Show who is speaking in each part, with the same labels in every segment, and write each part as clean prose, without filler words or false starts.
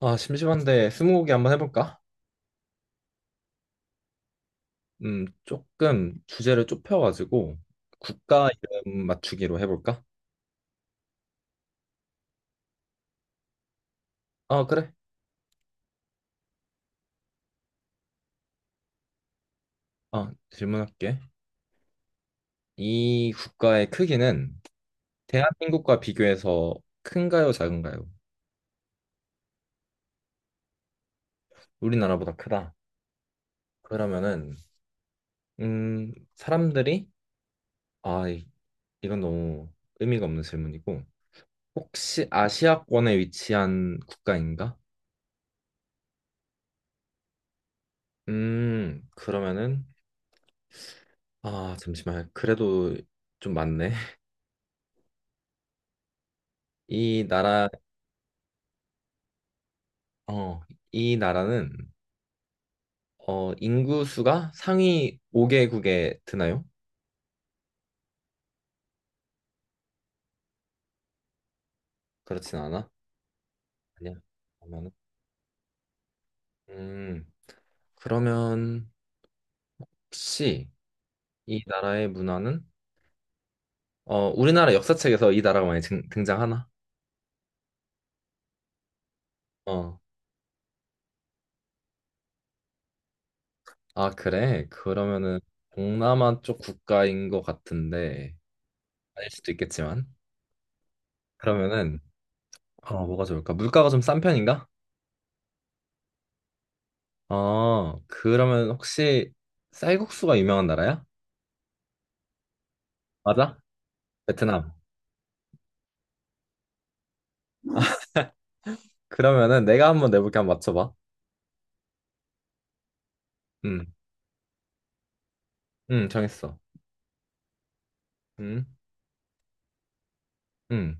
Speaker 1: 아, 심심한데 스무고개 한번 해볼까? 조금 주제를 좁혀가지고 국가 이름 맞추기로 해볼까? 아, 그래. 아, 질문할게. 이 국가의 크기는 대한민국과 비교해서 큰가요, 작은가요? 우리나라보다 크다. 그러면은 사람들이 아, 이- 이건 너무 의미가 없는 질문이고 혹시 아시아권에 위치한 국가인가? 그러면은 아, 잠시만. 그래도 좀 많네. 이 나라, 어, 이 나라는 어, 인구 수가 상위 5개국에 드나요? 그렇진 않아? 아니야. 그러면은 음, 그러면 혹시 이 나라의 문화는 어, 우리나라 역사책에서 이 나라가 많이 등장하나? 어. 아, 그래. 그러면은 동남아 쪽 국가인 것 같은데 아닐 수도 있겠지만 그러면은 어, 뭐가 좋을까? 물가가 좀 싼 편인가? 어, 그러면 혹시 쌀국수가 유명한 나라야? 맞아? 베트남. 그러면은 내가 한번 내볼게 한번 맞춰봐. 응, 응, 정했어. 응, 응.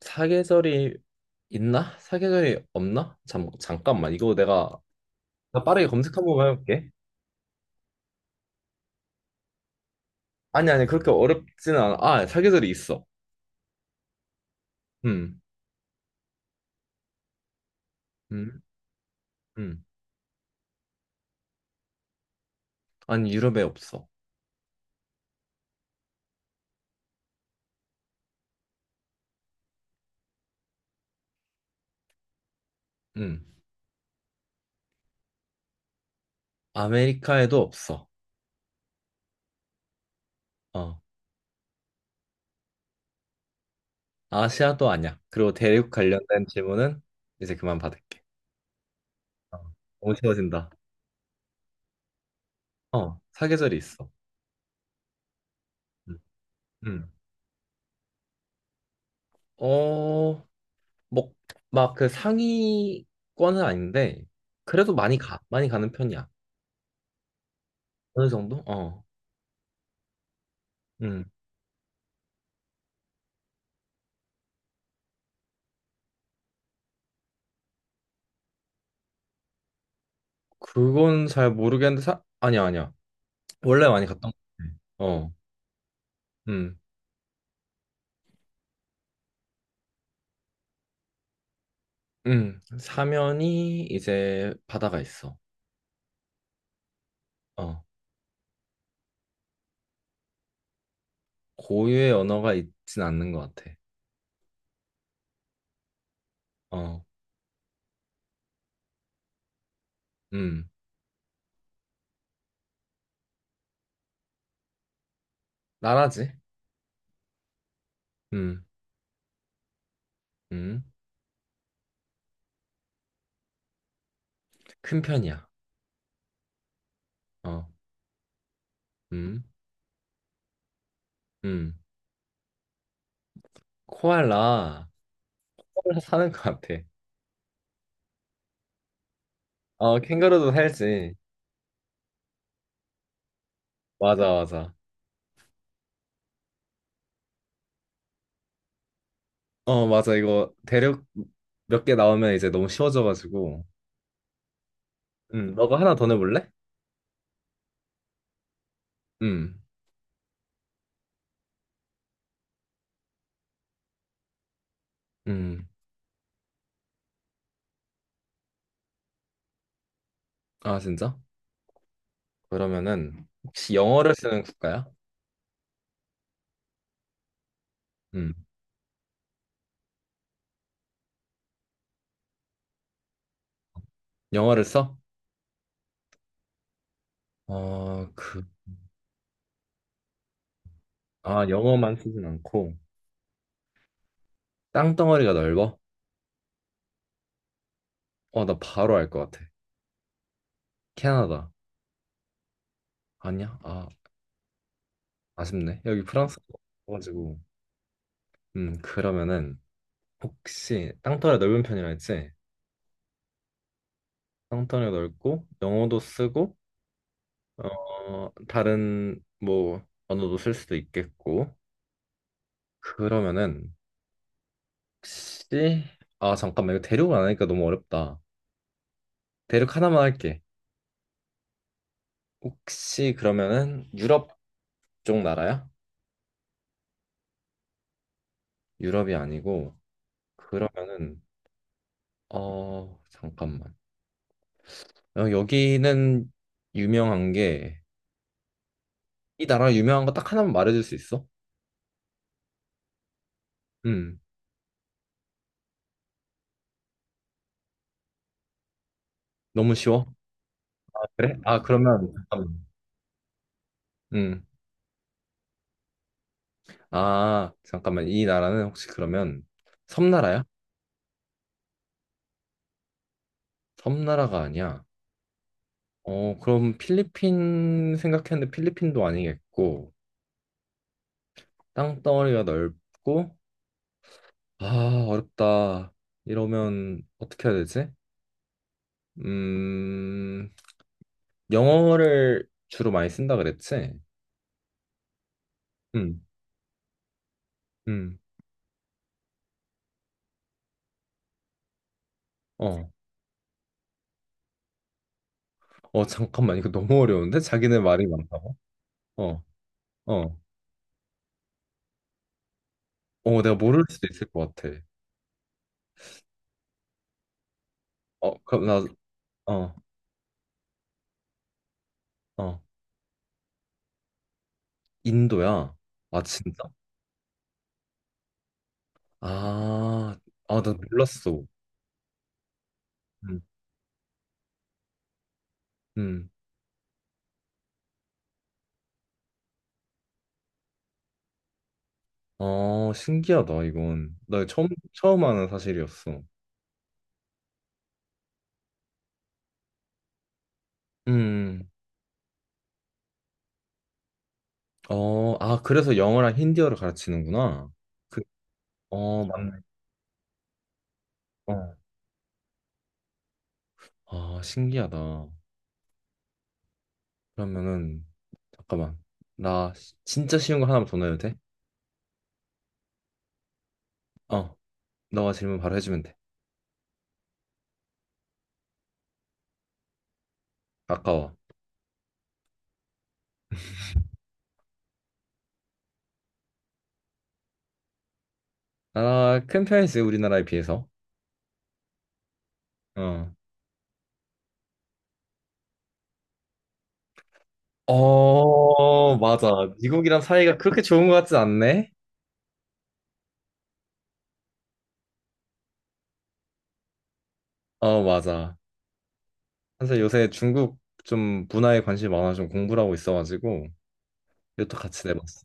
Speaker 1: 사계절이 있나? 사계절이 없나? 잠깐만. 이거 내가 나 빠르게 검색 한번 해볼게. 아니, 아니, 그렇게 어렵지는 않아. 아, 사계절이 있어. 응, 응, 응. 아니, 유럽에 없어. 응. 아메리카에도 없어. 어. 아시아도 아니야. 그리고 대륙 관련된 질문은 이제 그만 받을게. 어. 너무 쉬워진다. 어, 사계절이 있어. 응. 응. 어, 뭐, 막 그 상위권은 아닌데, 그래도 많이 가. 많이 가는 편이야. 어느 정도? 어. 음. 그건 잘 모르겠는데, 사... 아니야, 아니야. 원래 많이 갔던 것 같아. 어. 음. 음. 사면이 이제 바다가 있어. 어. 고유의 언어가 있진 않는 것 같아. 어. 음. 나라지? 음. 음. 큰 편이야. 어. 음. 음. 코알라. 코알라 사는 것 같아. 어, 캥거루도 살지. 맞아, 맞아. 어, 맞아. 이거 대륙 몇 개 나오면 이제 너무 쉬워져가지고. 너가 하나 더 내볼래? 음, 음. 아, 진짜? 그러면은 혹시 영어를 쓰는 국가야? 음, 영어를 써? 어, 그, 아, 영어만 쓰진 않고 땅덩어리가 넓어? 어, 나 바로 알 것 같아. 캐나다. 아니야? 아, 아쉽네. 여기 프랑스 가지고. 그러면은 혹시 땅덩어리 넓은 편이라 했지? 땅덩어리 넓고 영어도 쓰고 어, 다른 뭐 언어도 쓸 수도 있겠고. 그러면은 혹시 아 잠깐만 이거 대륙을 안 하니까 너무 어렵다. 대륙 하나만 할게. 혹시 그러면은 유럽 쪽 나라야? 유럽이 아니고 그러면은 어 잠깐만. 어, 여기는 유명한 게 이 나라 유명한 거 딱 하나만 말해줄 수 있어? 음 너무 쉬워. 아, 그래? 아 그러면 잠깐만. 음. 아 잠깐만 이 나라는 혹시 그러면 섬나라야? 섬나라가 아니야. 어, 그럼 필리핀 생각했는데 필리핀도 아니겠고, 땅덩어리가 넓고, 아, 어렵다. 이러면 어떻게 해야 되지? 음, 영어를 주로 많이 쓴다 그랬지? 응, 응 어, 어, 잠깐만, 이거 너무 어려운데? 자기네 말이 많다고? 어, 어, 어, 내가 모를 수도 있을 것 같아. 어, 그럼 나, 어, 어, 인도야? 아, 진짜? 아, 아, 나 몰랐어. 음. 음. 아, 신기하다, 이건. 나 처음, 처음 아는 사실이었어. 음, 어, 아, 그래서 영어랑 힌디어를 가르치는구나. 그, 어, 맞네. 어. 아, 신기하다. 그러면은, 잠깐만. 진짜 쉬운 거 하나만 더 넣어도 돼? 어, 너가 질문 바로 해주면 돼. 아까워. 나라 큰 편이지, 우리나라에 비해서. 어. 어, 맞아. 미국이랑 사이가 그렇게 좋은 것 같진 않네? 어, 맞아. 사실 요새 중국 좀 문화에 관심이 많아 좀 공부를 하고 있어가지고 이것도 같이 내봤어.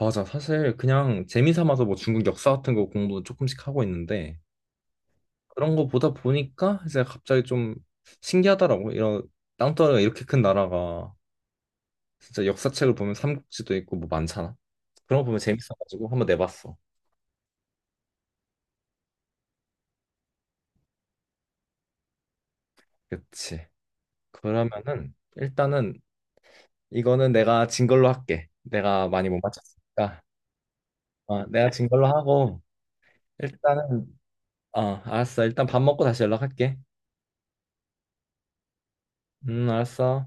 Speaker 1: 맞아. 사실 그냥 재미 삼아서 뭐 중국 역사 같은 거 공부 조금씩 하고 있는데 그런 거 보다 보니까 이제 갑자기 좀 신기하더라고. 이런 땅덩어리가 이렇게 큰 나라가 진짜 역사책을 보면 삼국지도 있고 뭐 많잖아. 그런 거 보면 재밌어가지고 한번 내봤어. 그치. 그러면은 일단은 이거는 내가 진 걸로 할게. 내가 많이 못 맞췄으니까. 아, 내가 진 걸로 하고 일단은 어, 알았어. 일단 밥 먹고 다시 연락할게. 알았어.